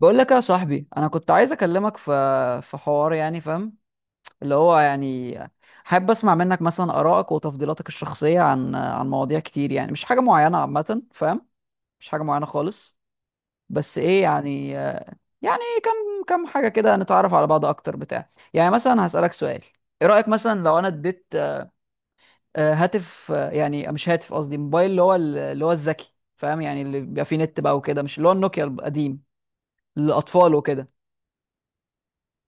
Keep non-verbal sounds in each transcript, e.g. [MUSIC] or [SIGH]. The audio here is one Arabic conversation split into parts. بقول لك يا صاحبي، انا كنت عايز اكلمك في حوار يعني، فاهم؟ اللي هو يعني حابب اسمع منك مثلا ارائك وتفضيلاتك الشخصيه عن مواضيع كتير، يعني مش حاجه معينه، عامه، فاهم؟ مش حاجه معينه خالص، بس ايه يعني. يعني كم حاجه كده نتعرف على بعض اكتر بتاع. يعني مثلا هسالك سؤال: ايه رايك مثلا لو انا اديت هاتف، يعني مش هاتف، قصدي موبايل اللي هو اللي هو الذكي، فاهم؟ يعني اللي بيبقى فيه نت بقى وكده، مش اللي هو النوكيا القديم للاطفال وكده.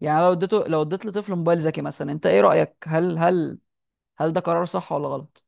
يعني لو اديته، لو اديت لطفل موبايل ذكي مثلا، انت ايه رأيك؟ هل ده قرار صح ولا غلط؟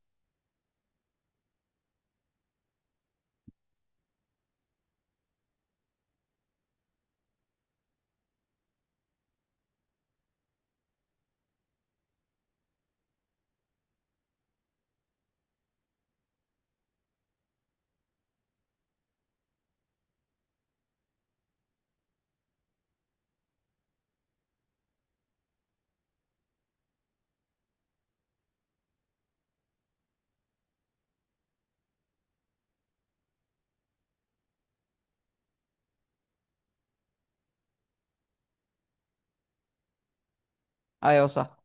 ايوه صح.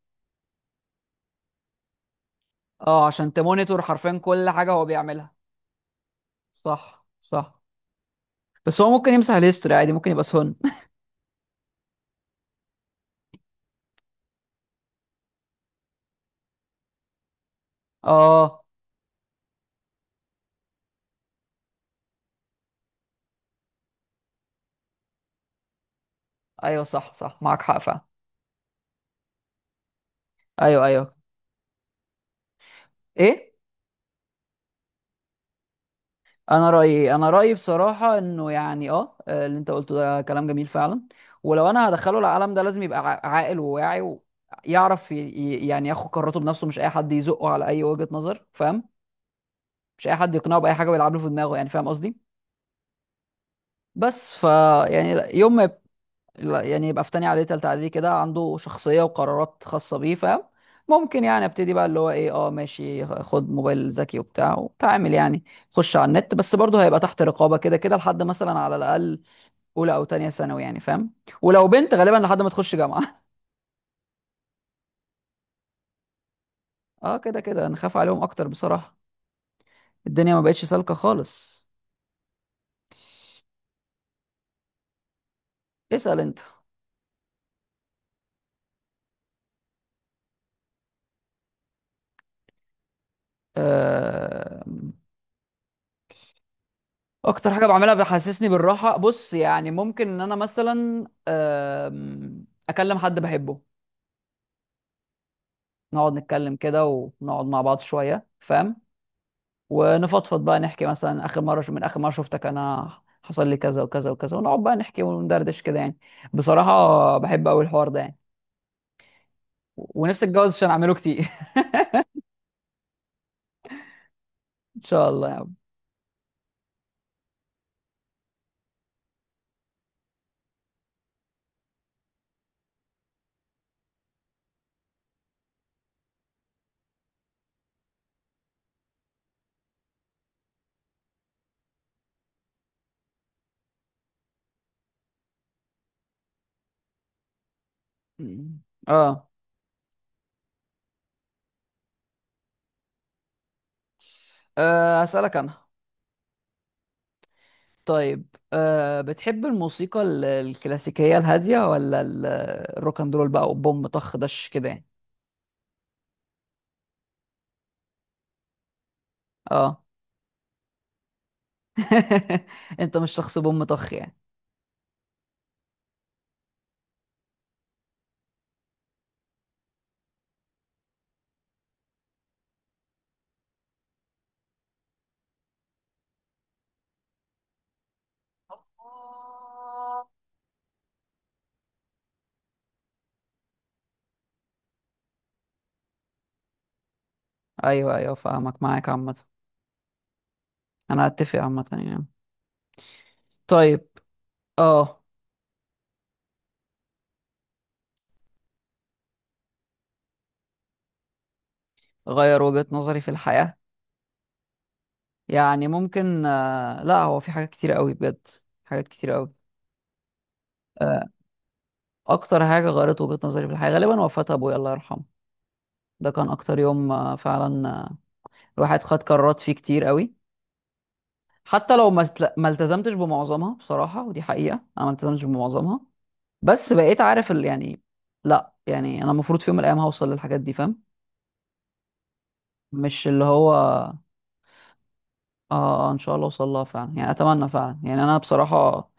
اه، عشان تمونيتور حرفيا كل حاجة هو بيعملها. صح صح. بس هو ممكن يمسح الهيستوري عادي، ممكن يبقى سهن. [LAUGHS] اه. ايوه صح صح، معاك حق فعلا. ايوه ايوه. ايه؟ انا رايي، انا رايي بصراحه انه يعني اه، اللي انت قلته ده كلام جميل فعلا. ولو انا هدخله العالم ده لازم يبقى عاقل وواعي ويعرف يعني ياخد قراراته بنفسه، مش اي حد يزقه على اي وجهه نظر، فاهم؟ مش اي حد يقنعه باي حاجه ويلعب له في دماغه، يعني فاهم قصدي. بس ف، يعني لا- يوم ما يب- لا، يعني يبقى في تانية اعدادي تالتة اعدادي كده، عنده شخصيه وقرارات خاصه بيه، فاهم؟ ممكن يعني ابتدي بقى اللي هو ايه، اه ماشي خد موبايل ذكي وبتاع وتعامل، يعني خش على النت. بس برضه هيبقى تحت رقابه كده كده لحد مثلا على الاقل اولى او تانية ثانوي، يعني فاهم؟ ولو بنت غالبا لحد ما تخش جامعه. [LAUGHS] اه كده كده نخاف عليهم اكتر بصراحه. الدنيا ما بقتش سالكه خالص. اسال انت. آه. اكتر حاجه بعملها بتحسسني بالراحه، بص يعني ممكن ان انا مثلا اكلم حد بحبه، نقعد نتكلم كده، ونقعد مع بعض شويه، فاهم؟ ونفضفض بقى، نحكي مثلا اخر مره، من اخر مره شفتك انا حصل لي كذا وكذا وكذا، ونقعد بقى نحكي وندردش كده يعني. بصراحه بحب قوي الحوار ده يعني. ونفسي اتجوز عشان اعمله كتير. [LAUGHS] ان شاء الله يا رب. م. اه، هسألك انا. طيب، أه بتحب الموسيقى الكلاسيكية الهادية ولا الروك اند رول بقى وبوم طخ دش كده يعني؟ اه، [LAUGHS] انت مش شخص بوم طخ يعني. ايوه ايوه فاهمك، معاك عامة. انا اتفق عامة يعني. طيب. اه. غير وجهة نظري في الحياة؟ يعني ممكن آه، لا هو في حاجات كتير قوي بجد. حاجات كتير قوي. آه، اكتر حاجة غيرت وجهة نظري في الحياة غالبا وفاة ابويا الله يرحمه. ده كان اكتر يوم آه فعلا آه، الواحد خد قرارات فيه كتير قوي، حتى لو ما التزمتش بمعظمها بصراحة، ودي حقيقة انا ما التزمتش بمعظمها. بس بقيت عارف ال، يعني لا يعني انا المفروض في يوم من الايام هوصل للحاجات دي، فاهم؟ مش اللي هو اه. آه، ان شاء الله اوصل لها فعلا يعني، اتمنى فعلا يعني. انا بصراحة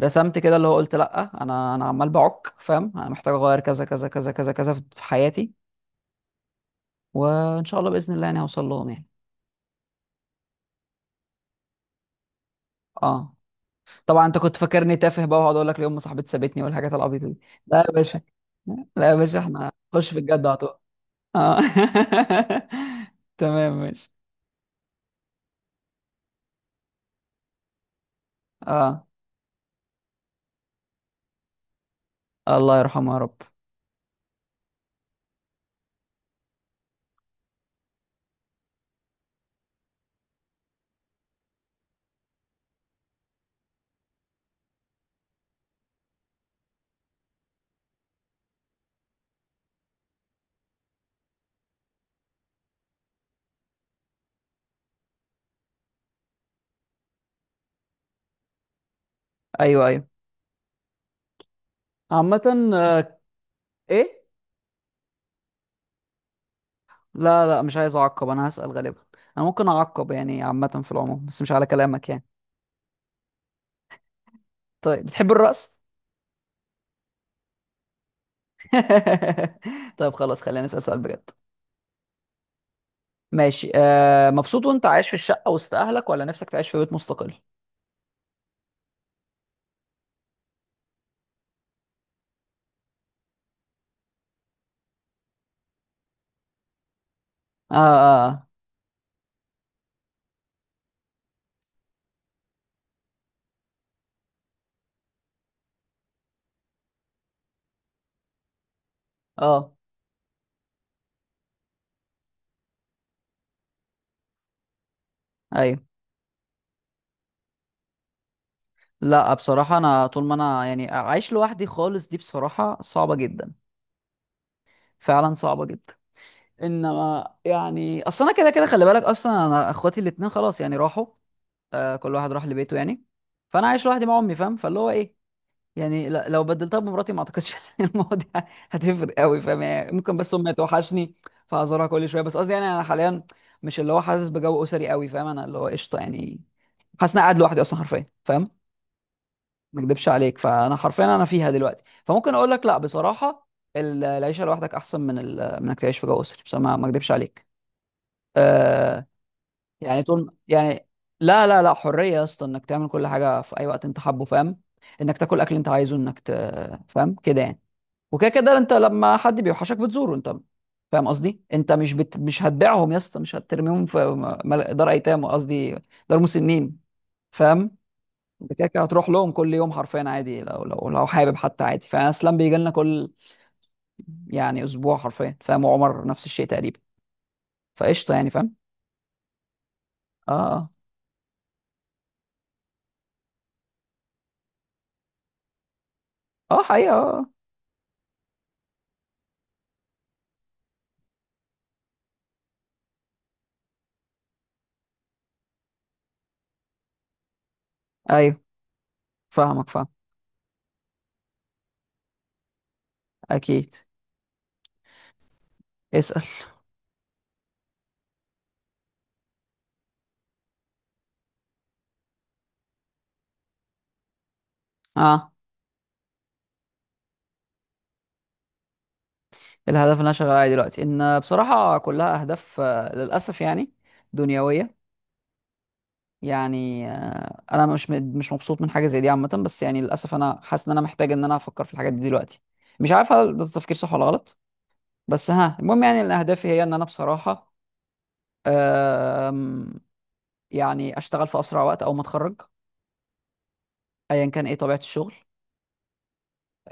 رسمت كده اللي هو، قلت لا انا، عمال بعك فاهم، انا محتاج اغير كذا كذا كذا كذا كذا في حياتي، وان شاء الله باذن الله يعني هوصل لهم يعني. اه طبعا، انت كنت فاكرني تافه بقى، وهقعد اقول لك ليه ام صاحبتي سابتني والحاجات العبيطه دي. لا يا باشا، لا يا باشا، احنا خش في الجد على طول. اه، [LAUGHS] تمام ماشي. اه، الله يرحمه يا رب. ايوه ايوه، عامة. آه، ايه؟ لا لا، مش عايز اعقب، انا هسأل غالبا. انا ممكن اعقب يعني عامة في العموم، بس مش على كلامك يعني. طيب، بتحب الرقص؟ [LAUGHS] طيب خلاص، خلينا نسأل سؤال بجد. ماشي. آه مبسوط وانت عايش في الشقة وسط اهلك، ولا نفسك تعيش في بيت مستقل؟ اه اه اه. آه. ايوه، لا بصراحة انا طول ما انا يعني عايش لوحدي خالص، دي بصراحة صعبة جدا، فعلا صعبة جدا. انما يعني اصل انا كده كده، خلي بالك اصلا انا اخواتي الاتنين خلاص يعني راحوا، آه كل واحد راح لبيته يعني. فانا عايش لوحدي مع امي، فاهم؟ فاللي هو ايه، يعني لو بدلتها بمراتي ما اعتقدش [LAUGHS] إن المواضيع هتفرق قوي، فاهم؟ يعني ممكن بس امي توحشني فهزورها كل شويه، بس قصدي يعني انا حاليا مش اللي هو حاسس بجو اسري قوي، فاهم؟ انا اللي هو قشطه يعني، حاسس إن أنا قاعد لوحدي اصلا حرفيا، فاهم؟ ما اكدبش عليك، فانا حرفيا انا فيها دلوقتي، فممكن اقول لك لا بصراحه العيشه لوحدك احسن من ال، من انك تعيش في جو اسري، بس ما ما اكدبش عليك. آه. يعني طول يعني لا لا لا، حريه يا اسطى، انك تعمل كل حاجه في اي وقت انت حابه، فاهم؟ انك تاكل اكل انت عايزه، انك ت، فاهم كده يعني. وكده كده انت لما حد بيوحشك بتزوره انت، فاهم قصدي؟ انت مش هتبيعهم يا اسطى، مش هترميهم في دار ايتام، قصدي دار مسنين، فاهم؟ انت كده كده هتروح لهم كل يوم حرفيا عادي، لو لو حابب حتى عادي. فاسلام بيجي لنا كل يعني اسبوع حرفيا، فاهم؟ وعمر نفس الشيء تقريبا، فقشطه يعني، فاهم؟ اه اه اه، حقيقه اه. آه. ايوه فاهمك فاهم. اكيد. اسال. اه. الهدف اللي انا شغال عليه دلوقتي ان بصراحه كلها اهداف آه، للاسف يعني دنيويه. يعني آه، انا مش مبسوط من حاجه زي دي عامه، بس يعني للاسف انا حاسس ان انا محتاج ان انا افكر في الحاجات دي دلوقتي. مش عارف هل ده تفكير صح ولا غلط، بس ها المهم. يعني ان اهدافي هي ان انا بصراحه، آم، يعني اشتغل في اسرع وقت او ما اتخرج، ايا كان ايه طبيعه الشغل.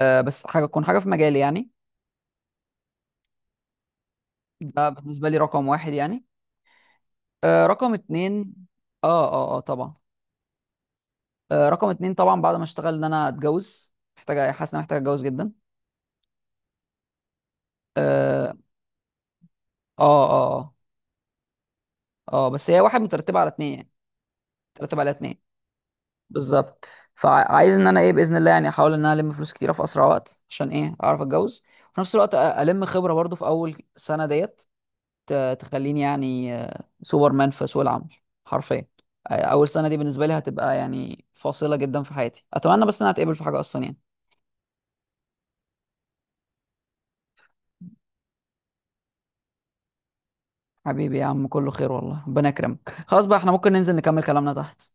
آه، بس حاجه تكون حاجه في مجالي يعني. ده بالنسبه لي رقم 1 يعني. آه، رقم 2. اه اه اه طبعا. آه، رقم اتنين طبعا بعد ما اشتغل، ان انا اتجوز، محتاجه، حاسس ان انا محتاج اتجوز جدا. اه اه اه اه. آه، بس هي 1 مترتبه على 2 يعني، مترتبه على 2 بالظبط. فعايز ان انا ايه باذن الله يعني، احاول ان انا الم فلوس كتيره في اسرع وقت عشان ايه اعرف اتجوز، وفي نفس الوقت الم خبره برضو في اول سنه ديت تخليني يعني آه، سوبرمان في سوق العمل حرفيا. آه، اول سنه دي بالنسبه لي هتبقى يعني فاصله جدا في حياتي. اتمنى بس ان انا اتقبل في حاجه اصلا يعني. حبيبي يا عم، كله خير والله، ربنا يكرمك. خلاص بقى، احنا ممكن ننزل نكمل كلامنا تحت.